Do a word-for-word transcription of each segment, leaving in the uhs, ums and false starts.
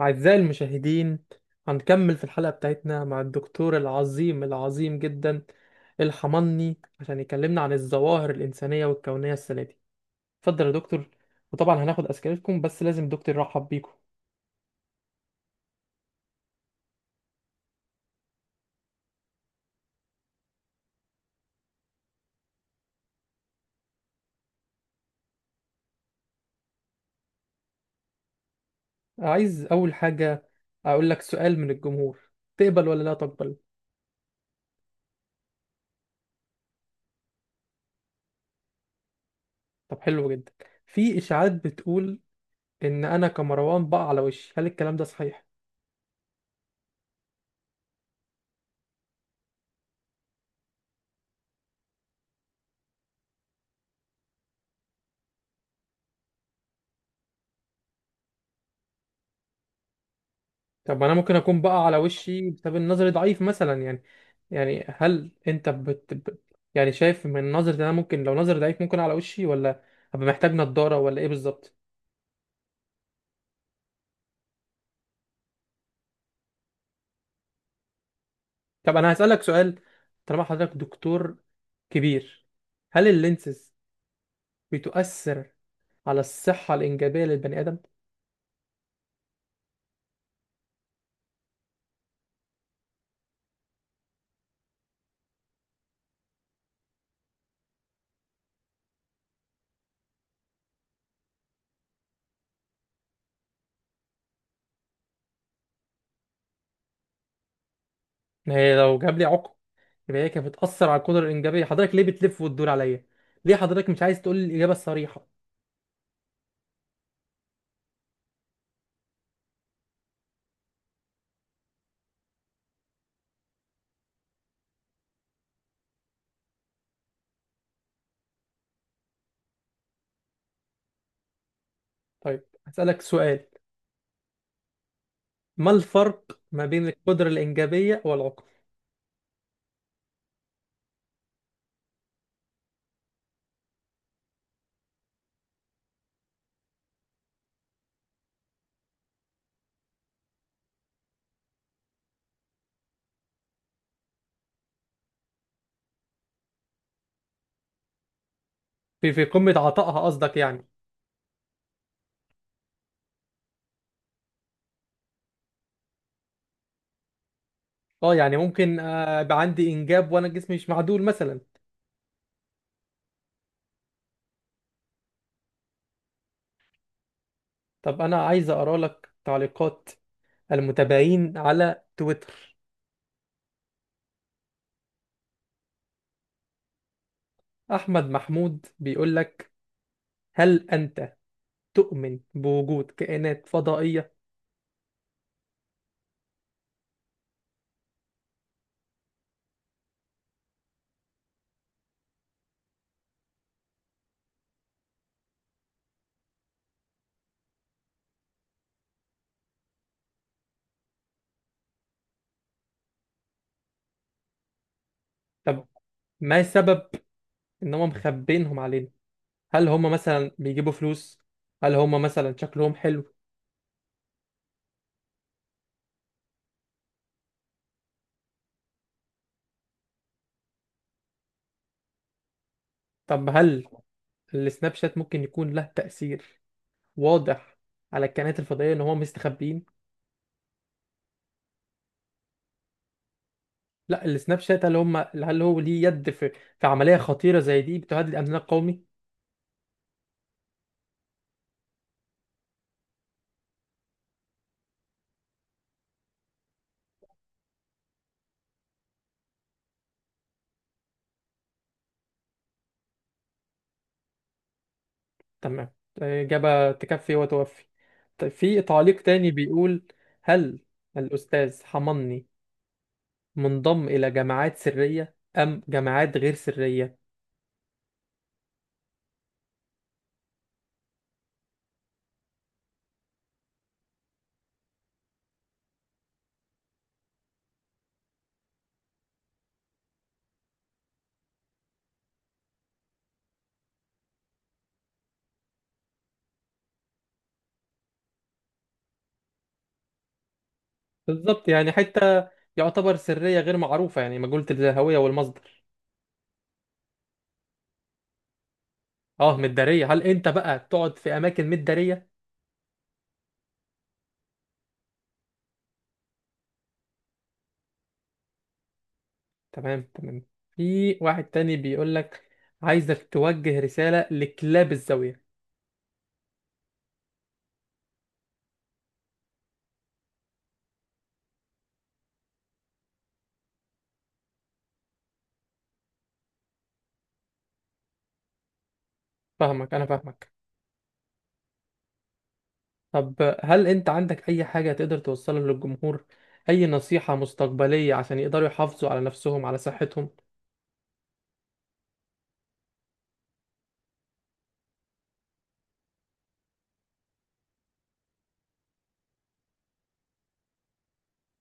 أعزائي المشاهدين، هنكمل في الحلقة بتاعتنا مع الدكتور العظيم العظيم جدا الحمني عشان يكلمنا عن الظواهر الإنسانية والكونية السنة دي. اتفضل يا دكتور، وطبعا هناخد أسئلتكم بس لازم دكتور يرحب بيكم. عايز أول حاجة أقول لك سؤال من الجمهور، تقبل ولا لا تقبل؟ طب حلو جدا. في إشاعات بتقول إن أنا كمروان بقع على وشي، هل الكلام ده صحيح؟ طب ما انا ممكن اكون بقى على وشي بسبب النظر ضعيف مثلا يعني. يعني هل انت بت... ب- يعني شايف من نظرة إن انا ممكن لو نظر ضعيف ممكن على وشي، ولا هبقى محتاج نضارة ولا ايه بالظبط؟ طب انا هسألك سؤال، طالما حضرتك دكتور كبير، هل اللينسز بتؤثر على الصحة الإنجابية للبني آدم؟ ما هي لو جاب لي عقم يبقى هي كانت بتأثر على القدرة الإنجابية، حضرتك ليه بتلف وتدور عليا؟ ليه حضرتك مش عايز تقول لي الإجابة الصريحة؟ طيب هسألك سؤال، ما الفرق ما بين القدرة الإنجابية والعقم؟ في في قمة عطائها قصدك يعني؟ اه يعني ممكن آه، يبقى عندي إنجاب وأنا جسمي مش معدول مثلا. طب أنا عايز أقرأ لك تعليقات المتابعين على تويتر. أحمد محمود بيقول لك، هل أنت تؤمن بوجود كائنات فضائية؟ طب ما السبب إن هم مخبينهم علينا؟ هل هم مثلا بيجيبوا فلوس؟ هل هم مثلا شكلهم حلو؟ طب هل السناب شات ممكن يكون له تأثير واضح على الكائنات الفضائيه ان هم مستخبيين؟ لا، السناب شات هل هم، هل هو ليه يد في في عمليه خطيره زي دي بتهدد الامن القومي؟ تمام، اجابه تكفي وتوفي. طيب في تعليق تاني بيقول، هل الاستاذ حماني منضم الى جماعات سريه ام جماعات غير سريه؟ بالظبط، يعني حتى يعتبر سريه غير معروفه يعني مجهوله الهويه والمصدر. اه مداريه، هل انت بقى تقعد في اماكن مداريه؟ تمام تمام. في واحد تاني بيقول لك، عايزك توجه رسالة لكلاب الزاوية. فاهمك، أنا فاهمك. طب هل أنت عندك أي حاجة تقدر توصلها للجمهور؟ أي نصيحة مستقبلية عشان يقدروا يحافظوا على نفسهم على صحتهم؟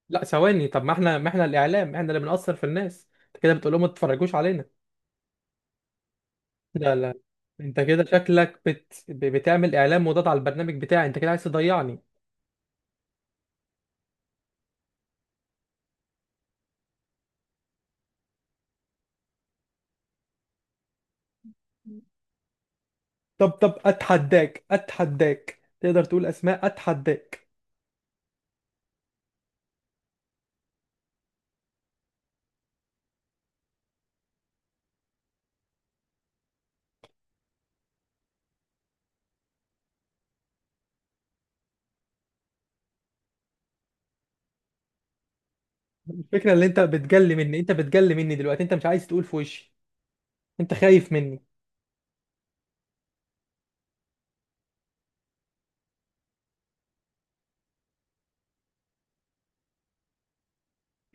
لا ثواني، طب ما احنا ما احنا الإعلام، احنا اللي بنأثر في الناس. أنت كده بتقول لهم ما تتفرجوش علينا. لا لا أنت كده شكلك بت... ب- بتعمل إعلام مضاد على البرنامج بتاعي، أنت كده عايز تضيعني. طب طب أتحداك، أتحداك تقدر تقول أسماء، أتحداك. الفكره اللي انت بتجلي مني، انت بتجلي مني دلوقتي، انت مش عايز تقول في وشي، انت خايف مني.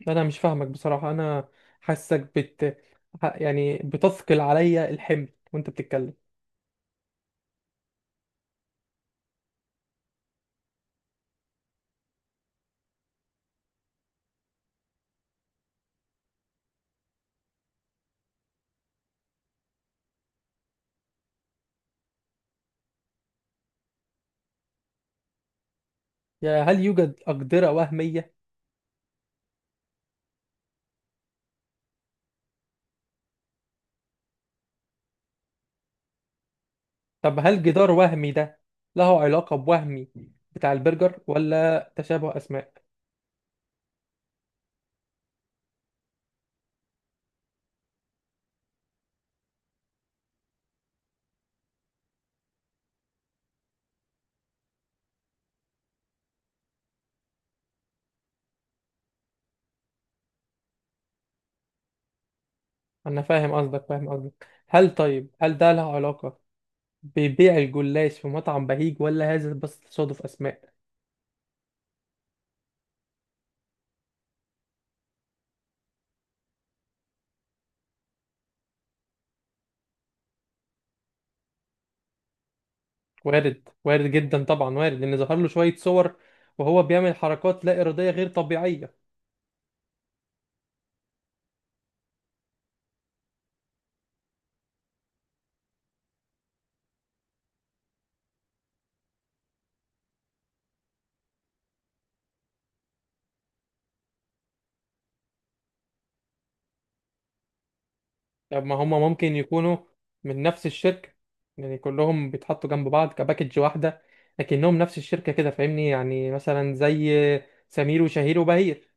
انا مش فاهمك بصراحه، انا حاسك بت ح- يعني بتثقل عليا الحمل وانت بتتكلم. يا هل يوجد اقدره وهميه؟ طب هل جدار وهمي ده له علاقه بوهمي بتاع البرجر، ولا تشابه اسماء؟ انا فاهم قصدك، فاهم قصدك. هل، طيب هل ده له علاقه ببيع الجلاش في مطعم بهيج، ولا هذا بس تصادف اسماء؟ وارد، وارد جدا طبعا، وارد ان ظهر له شويه صور وهو بيعمل حركات لا اراديه غير طبيعيه. طب ما هم ممكن يكونوا من نفس الشركه، يعني كلهم بيتحطوا جنب بعض كباكج واحده لكنهم نفس الشركه كده، فاهمني يعني مثلا زي سمير وشهير وبهير.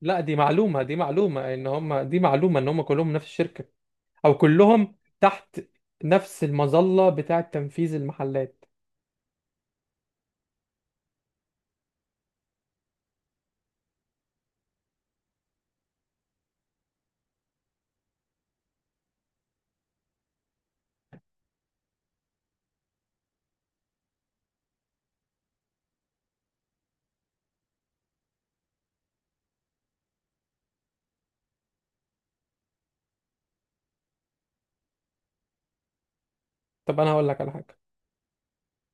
لا دي معلومه، دي معلومه ان هم، دي معلومه ان هم كلهم نفس الشركه، او كلهم تحت نفس المظله بتاعه تنفيذ المحلات. طب انا هقول لك على حاجه،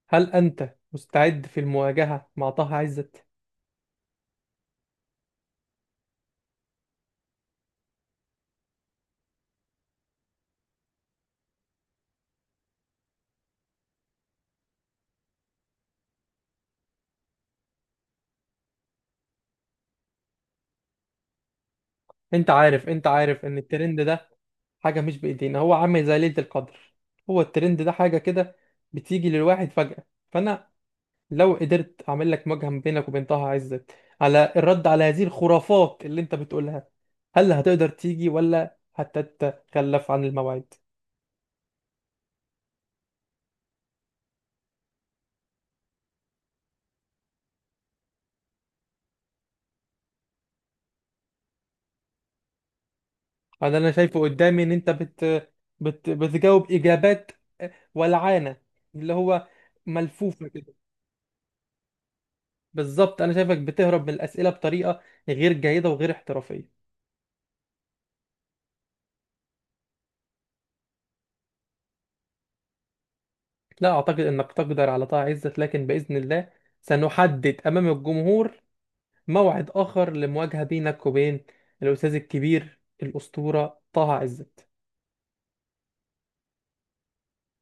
هل انت مستعد في المواجهه مع طه عزت؟ انت عارف، انت عارف ان الترند ده حاجه مش بايدينا، هو عامل زي ليله القدر، هو الترند ده حاجه كده بتيجي للواحد فجاه. فانا لو قدرت اعمل لك مواجهه ما بينك وبين طه عزت على الرد على هذه الخرافات اللي انت بتقولها، هل هتقدر تيجي ولا هتتخلف عن الموعد؟ انا، انا شايفه قدامي ان انت بت... بت... بتجاوب اجابات ولعانه اللي هو ملفوفه كده. بالظبط، انا شايفك بتهرب من الاسئله بطريقه غير جيده وغير احترافيه. لا أعتقد أنك تقدر على طه عزت، لكن بإذن الله سنحدد أمام الجمهور موعد آخر لمواجهة بينك وبين الأستاذ الكبير الأسطورة طه عزت.